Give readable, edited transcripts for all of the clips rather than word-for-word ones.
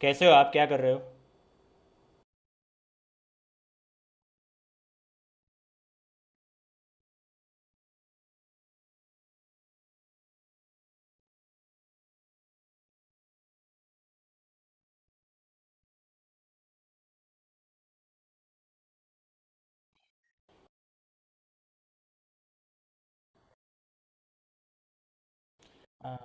कैसे हो आप क्या कर रहे हो? हाँ।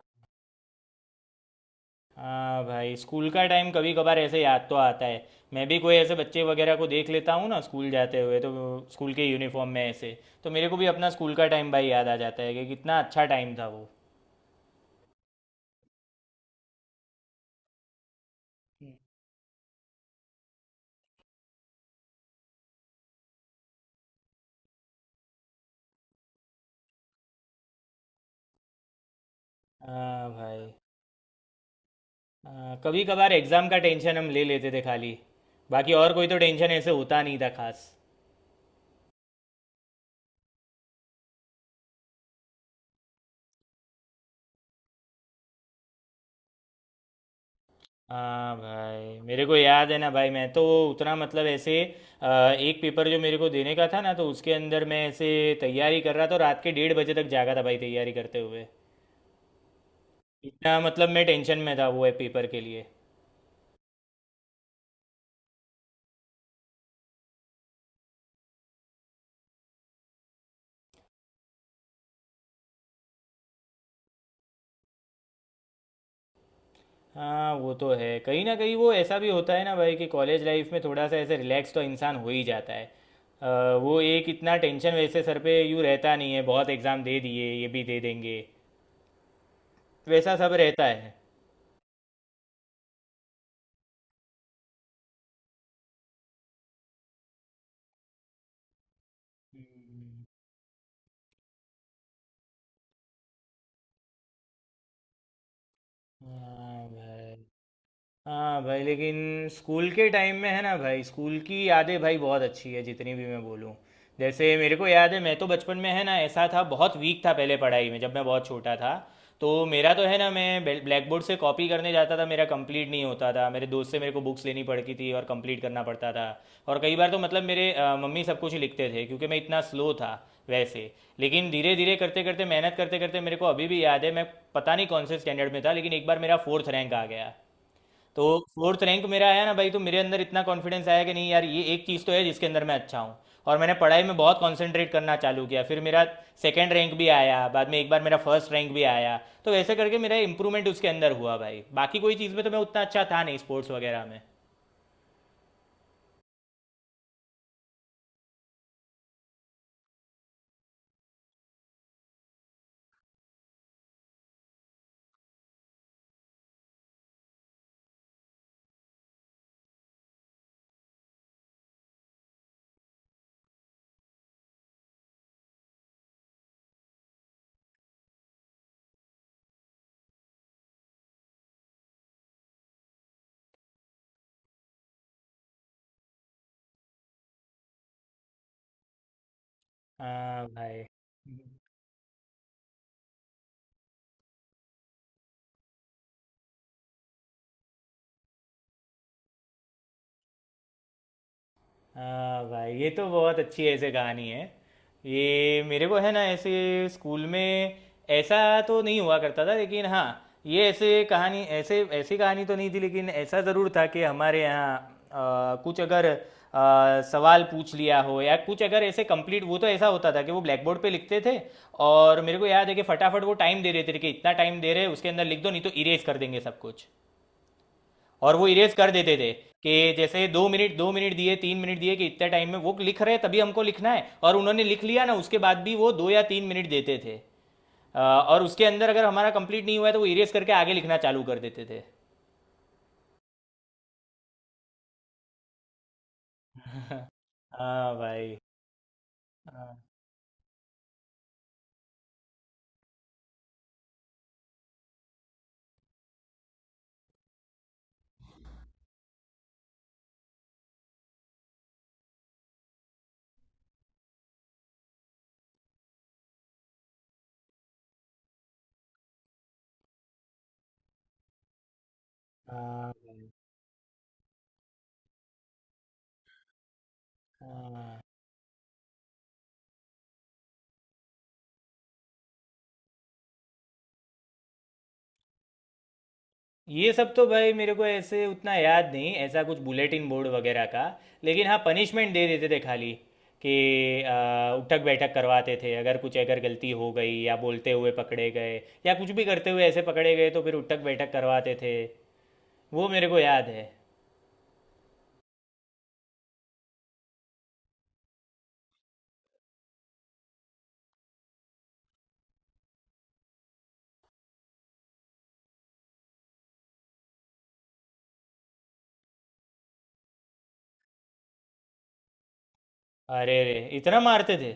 हाँ भाई, स्कूल का टाइम कभी कभार ऐसे याद तो आता है। मैं भी कोई ऐसे बच्चे वगैरह को देख लेता हूँ ना स्कूल जाते हुए, तो स्कूल के यूनिफॉर्म में ऐसे, तो मेरे को भी अपना स्कूल का टाइम भाई याद आ जाता है कि कितना अच्छा टाइम था वो। हाँ भाई। हाँ, कभी कभार एग्ज़ाम का टेंशन हम ले लेते थे खाली। बाकी और कोई तो टेंशन ऐसे होता नहीं था खास। हाँ भाई, मेरे को याद है ना भाई, मैं तो उतना मतलब ऐसे, अ, एक पेपर जो मेरे को देने का था ना, तो उसके अंदर मैं ऐसे तैयारी कर रहा था, रात के 1:30 बजे तक जागा था भाई तैयारी करते हुए। इतना मतलब मैं टेंशन में था वो है पेपर के लिए। हाँ, वो तो है कहीं ना कहीं, वो ऐसा भी होता है ना भाई कि कॉलेज लाइफ में थोड़ा सा ऐसे रिलैक्स तो इंसान हो ही जाता है। अ, वो एक इतना टेंशन वैसे सर पे यूँ रहता नहीं है, बहुत एग्ज़ाम दे दिए ये भी दे देंगे, वैसा सब रहता है। हम्म। हाँ भाई। हाँ भाई लेकिन स्कूल के टाइम में है ना भाई, स्कूल की यादें भाई बहुत अच्छी है जितनी भी मैं बोलूँ। जैसे मेरे को याद है, मैं तो बचपन में है ना ऐसा था, बहुत वीक था पहले पढ़ाई में जब मैं बहुत छोटा था। तो मेरा तो है ना, मैं ब्लैक बोर्ड से कॉपी करने जाता था, मेरा कंप्लीट नहीं होता था, मेरे दोस्त से मेरे को बुक्स लेनी पड़ती थी और कंप्लीट करना पड़ता था। और कई बार तो मतलब मेरे मम्मी सब कुछ लिखते थे क्योंकि मैं इतना स्लो था वैसे। लेकिन धीरे धीरे करते करते, मेहनत करते करते, मेरे को अभी भी याद है, मैं पता नहीं कौन से स्टैंडर्ड में था, लेकिन एक बार मेरा फोर्थ रैंक आ गया। तो फोर्थ रैंक मेरा आया ना भाई, तो मेरे अंदर इतना कॉन्फिडेंस आया कि नहीं यार, ये एक चीज़ तो है जिसके अंदर मैं अच्छा हूँ। और मैंने पढ़ाई में बहुत कंसंट्रेट करना चालू किया, फिर मेरा सेकंड रैंक भी आया, बाद में एक बार मेरा फर्स्ट रैंक भी आया। तो वैसे करके मेरा इंप्रूवमेंट उसके अंदर हुआ भाई, बाकी कोई चीज़ में तो मैं उतना अच्छा था नहीं, स्पोर्ट्स वगैरह में। हाँ भाई। हाँ भाई, ये तो बहुत अच्छी ऐसे कहानी है। ये मेरे को है ना, ऐसे स्कूल में ऐसा तो नहीं हुआ करता था, लेकिन हाँ, ये ऐसे कहानी ऐसे ऐसी कहानी तो नहीं थी, लेकिन ऐसा ज़रूर था कि हमारे यहाँ अ, कुछ अगर सवाल पूछ लिया हो या कुछ अगर ऐसे कंप्लीट वो, तो ऐसा होता था कि वो ब्लैक बोर्ड पे लिखते थे। और मेरे को याद है कि फटाफट वो टाइम दे देते थे कि इतना टाइम दे रहे हैं, उसके अंदर लिख दो नहीं तो इरेज कर देंगे सब कुछ। और वो इरेज कर देते थे कि जैसे 2 मिनट 2 मिनट दिए, 3 मिनट दिए, कि इतने टाइम में वो लिख रहे हैं, तभी हमको लिखना है, और उन्होंने लिख लिया ना उसके बाद भी वो 2 या 3 मिनट देते थे। और उसके अंदर अगर हमारा कंप्लीट नहीं हुआ है तो वो इरेज करके आगे लिखना चालू कर देते थे। हाँ भाई। हाँ। हाँ भाई। हाँ, ये सब तो भाई मेरे को ऐसे उतना याद नहीं, ऐसा कुछ बुलेटिन बोर्ड वगैरह का। लेकिन हाँ, पनिशमेंट दे देते थे खाली, कि उठक बैठक करवाते थे अगर कुछ अगर गलती हो गई या बोलते हुए पकड़े गए या कुछ भी करते हुए ऐसे पकड़े गए तो फिर उठक बैठक करवाते थे। वो मेरे को याद है। अरे रे, इतना मारते थे?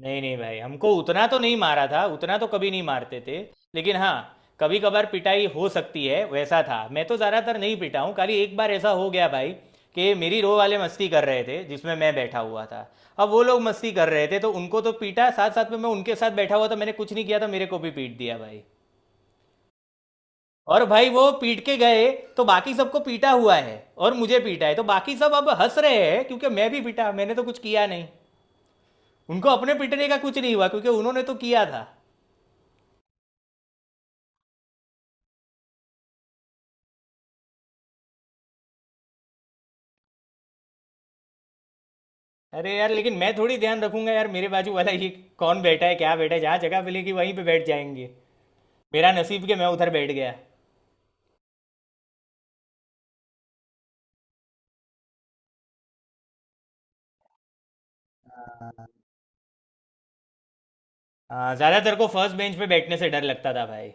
नहीं नहीं भाई, हमको उतना तो नहीं मारा था, उतना तो कभी नहीं मारते थे। लेकिन हाँ कभी कभार पिटाई हो सकती है वैसा था। मैं तो ज़्यादातर नहीं पिटा हूँ, खाली एक बार ऐसा हो गया भाई कि मेरी रो वाले मस्ती कर रहे थे जिसमें मैं बैठा हुआ था। अब वो लोग मस्ती कर रहे थे तो उनको तो पीटा, साथ साथ में मैं उनके साथ बैठा हुआ था, मैंने कुछ नहीं किया था, मेरे को भी पीट दिया भाई। और भाई वो पीट के गए, तो बाकी सबको पीटा हुआ है और मुझे पीटा है, तो बाकी सब अब हंस रहे हैं क्योंकि मैं भी पीटा, मैंने तो कुछ किया नहीं। उनको अपने पीटने का कुछ नहीं हुआ क्योंकि उन्होंने तो किया था। अरे यार, लेकिन मैं थोड़ी ध्यान रखूंगा यार, मेरे बाजू वाला ये कौन बैठा है क्या बैठा है, जहाँ जगह मिलेगी वहीं पे बैठ जाएंगे। मेरा नसीब कि मैं उधर बैठ गया। हाँ, ज़्यादातर को फर्स्ट बेंच पे बैठने से डर लगता था भाई।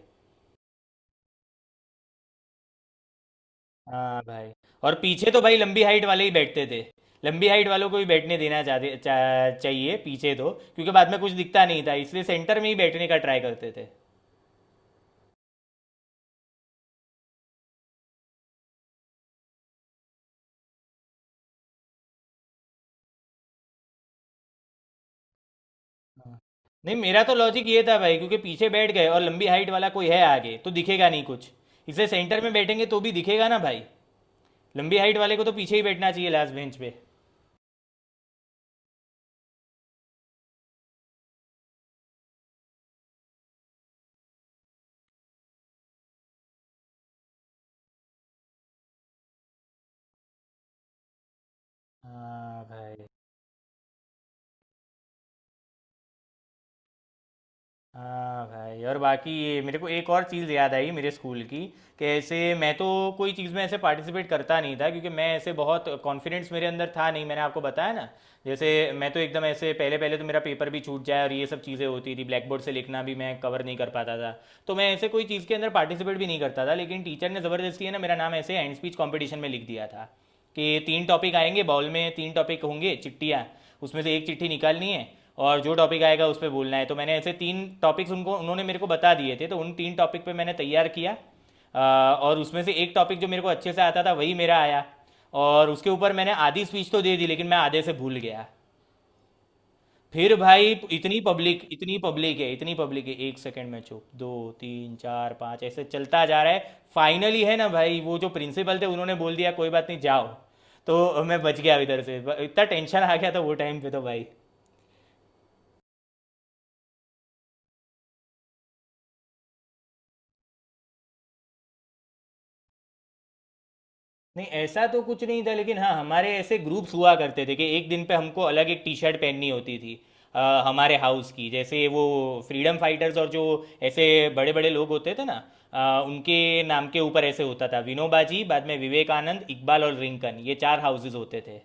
हाँ भाई। और पीछे तो भाई लंबी हाइट वाले ही बैठते थे। लंबी हाइट वालों को ही बैठने देना चाहिए पीछे तो, क्योंकि बाद में कुछ दिखता नहीं था, इसलिए सेंटर में ही बैठने का ट्राई करते थे। नहीं, मेरा तो लॉजिक ये था भाई, क्योंकि पीछे बैठ गए और लंबी हाइट वाला कोई है आगे, तो दिखेगा नहीं कुछ, इसलिए सेंटर में बैठेंगे तो भी दिखेगा ना भाई। लंबी हाइट वाले को तो पीछे ही बैठना चाहिए, लास्ट बेंच पे। हाँ भाई। हाँ भाई, और बाकी ये मेरे को एक और चीज़ याद आई मेरे स्कूल की, कि ऐसे मैं तो कोई चीज़ में ऐसे पार्टिसिपेट करता नहीं था, क्योंकि मैं ऐसे बहुत कॉन्फिडेंस मेरे अंदर था नहीं, मैंने आपको बताया ना। जैसे मैं तो एकदम ऐसे पहले पहले तो मेरा पेपर भी छूट जाए और ये सब चीज़ें होती थी, ब्लैक बोर्ड से लिखना भी मैं कवर नहीं कर पाता था। तो मैं ऐसे कोई चीज़ के अंदर पार्टिसिपेट भी नहीं करता था, लेकिन टीचर ने ज़बरदस्ती है ना मेरा नाम ऐसे हैंड स्पीच कॉम्पिटिशन में लिख दिया था कि तीन टॉपिक आएंगे बाउल में, तीन टॉपिक होंगे चिट्ठियाँ, उसमें से एक चिट्ठी निकालनी है, और जो टॉपिक आएगा उस पर बोलना है। तो मैंने ऐसे तीन टॉपिक्स उनको, उन्होंने मेरे को बता दिए थे, तो उन तीन टॉपिक पे मैंने तैयार किया। अ, और उसमें से एक टॉपिक जो मेरे को अच्छे से आता था वही मेरा आया। और उसके ऊपर मैंने आधी स्पीच तो दे दी लेकिन मैं आधे से भूल गया। फिर भाई इतनी पब्लिक है इतनी पब्लिक है, 1 सेकंड में चुप, दो तीन चार पाँच ऐसे चलता जा रहा है, फाइनली है ना भाई वो जो प्रिंसिपल थे उन्होंने बोल दिया कोई बात नहीं जाओ। तो मैं बच गया इधर से। इतना टेंशन आ गया था वो टाइम पे तो भाई। नहीं ऐसा तो कुछ नहीं था लेकिन हाँ, हमारे ऐसे ग्रुप्स हुआ करते थे कि एक दिन पे हमको अलग एक टी शर्ट पहननी होती थी हमारे हाउस की, जैसे वो फ्रीडम फाइटर्स और जो ऐसे बड़े बड़े लोग होते थे ना, उनके नाम के ऊपर ऐसे होता था, विनोबाजी बाद में विवेकानंद इकबाल और रिंकन, ये चार हाउसेज होते थे।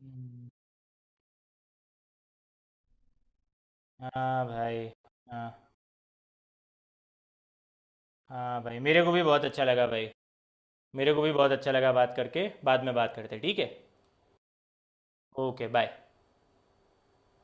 हम्म। हाँ भाई। हाँ। हाँ भाई, मेरे को भी बहुत अच्छा लगा भाई। मेरे को भी बहुत अच्छा लगा बात करके, बाद में बात करते हैं, ठीक है? Okay bye.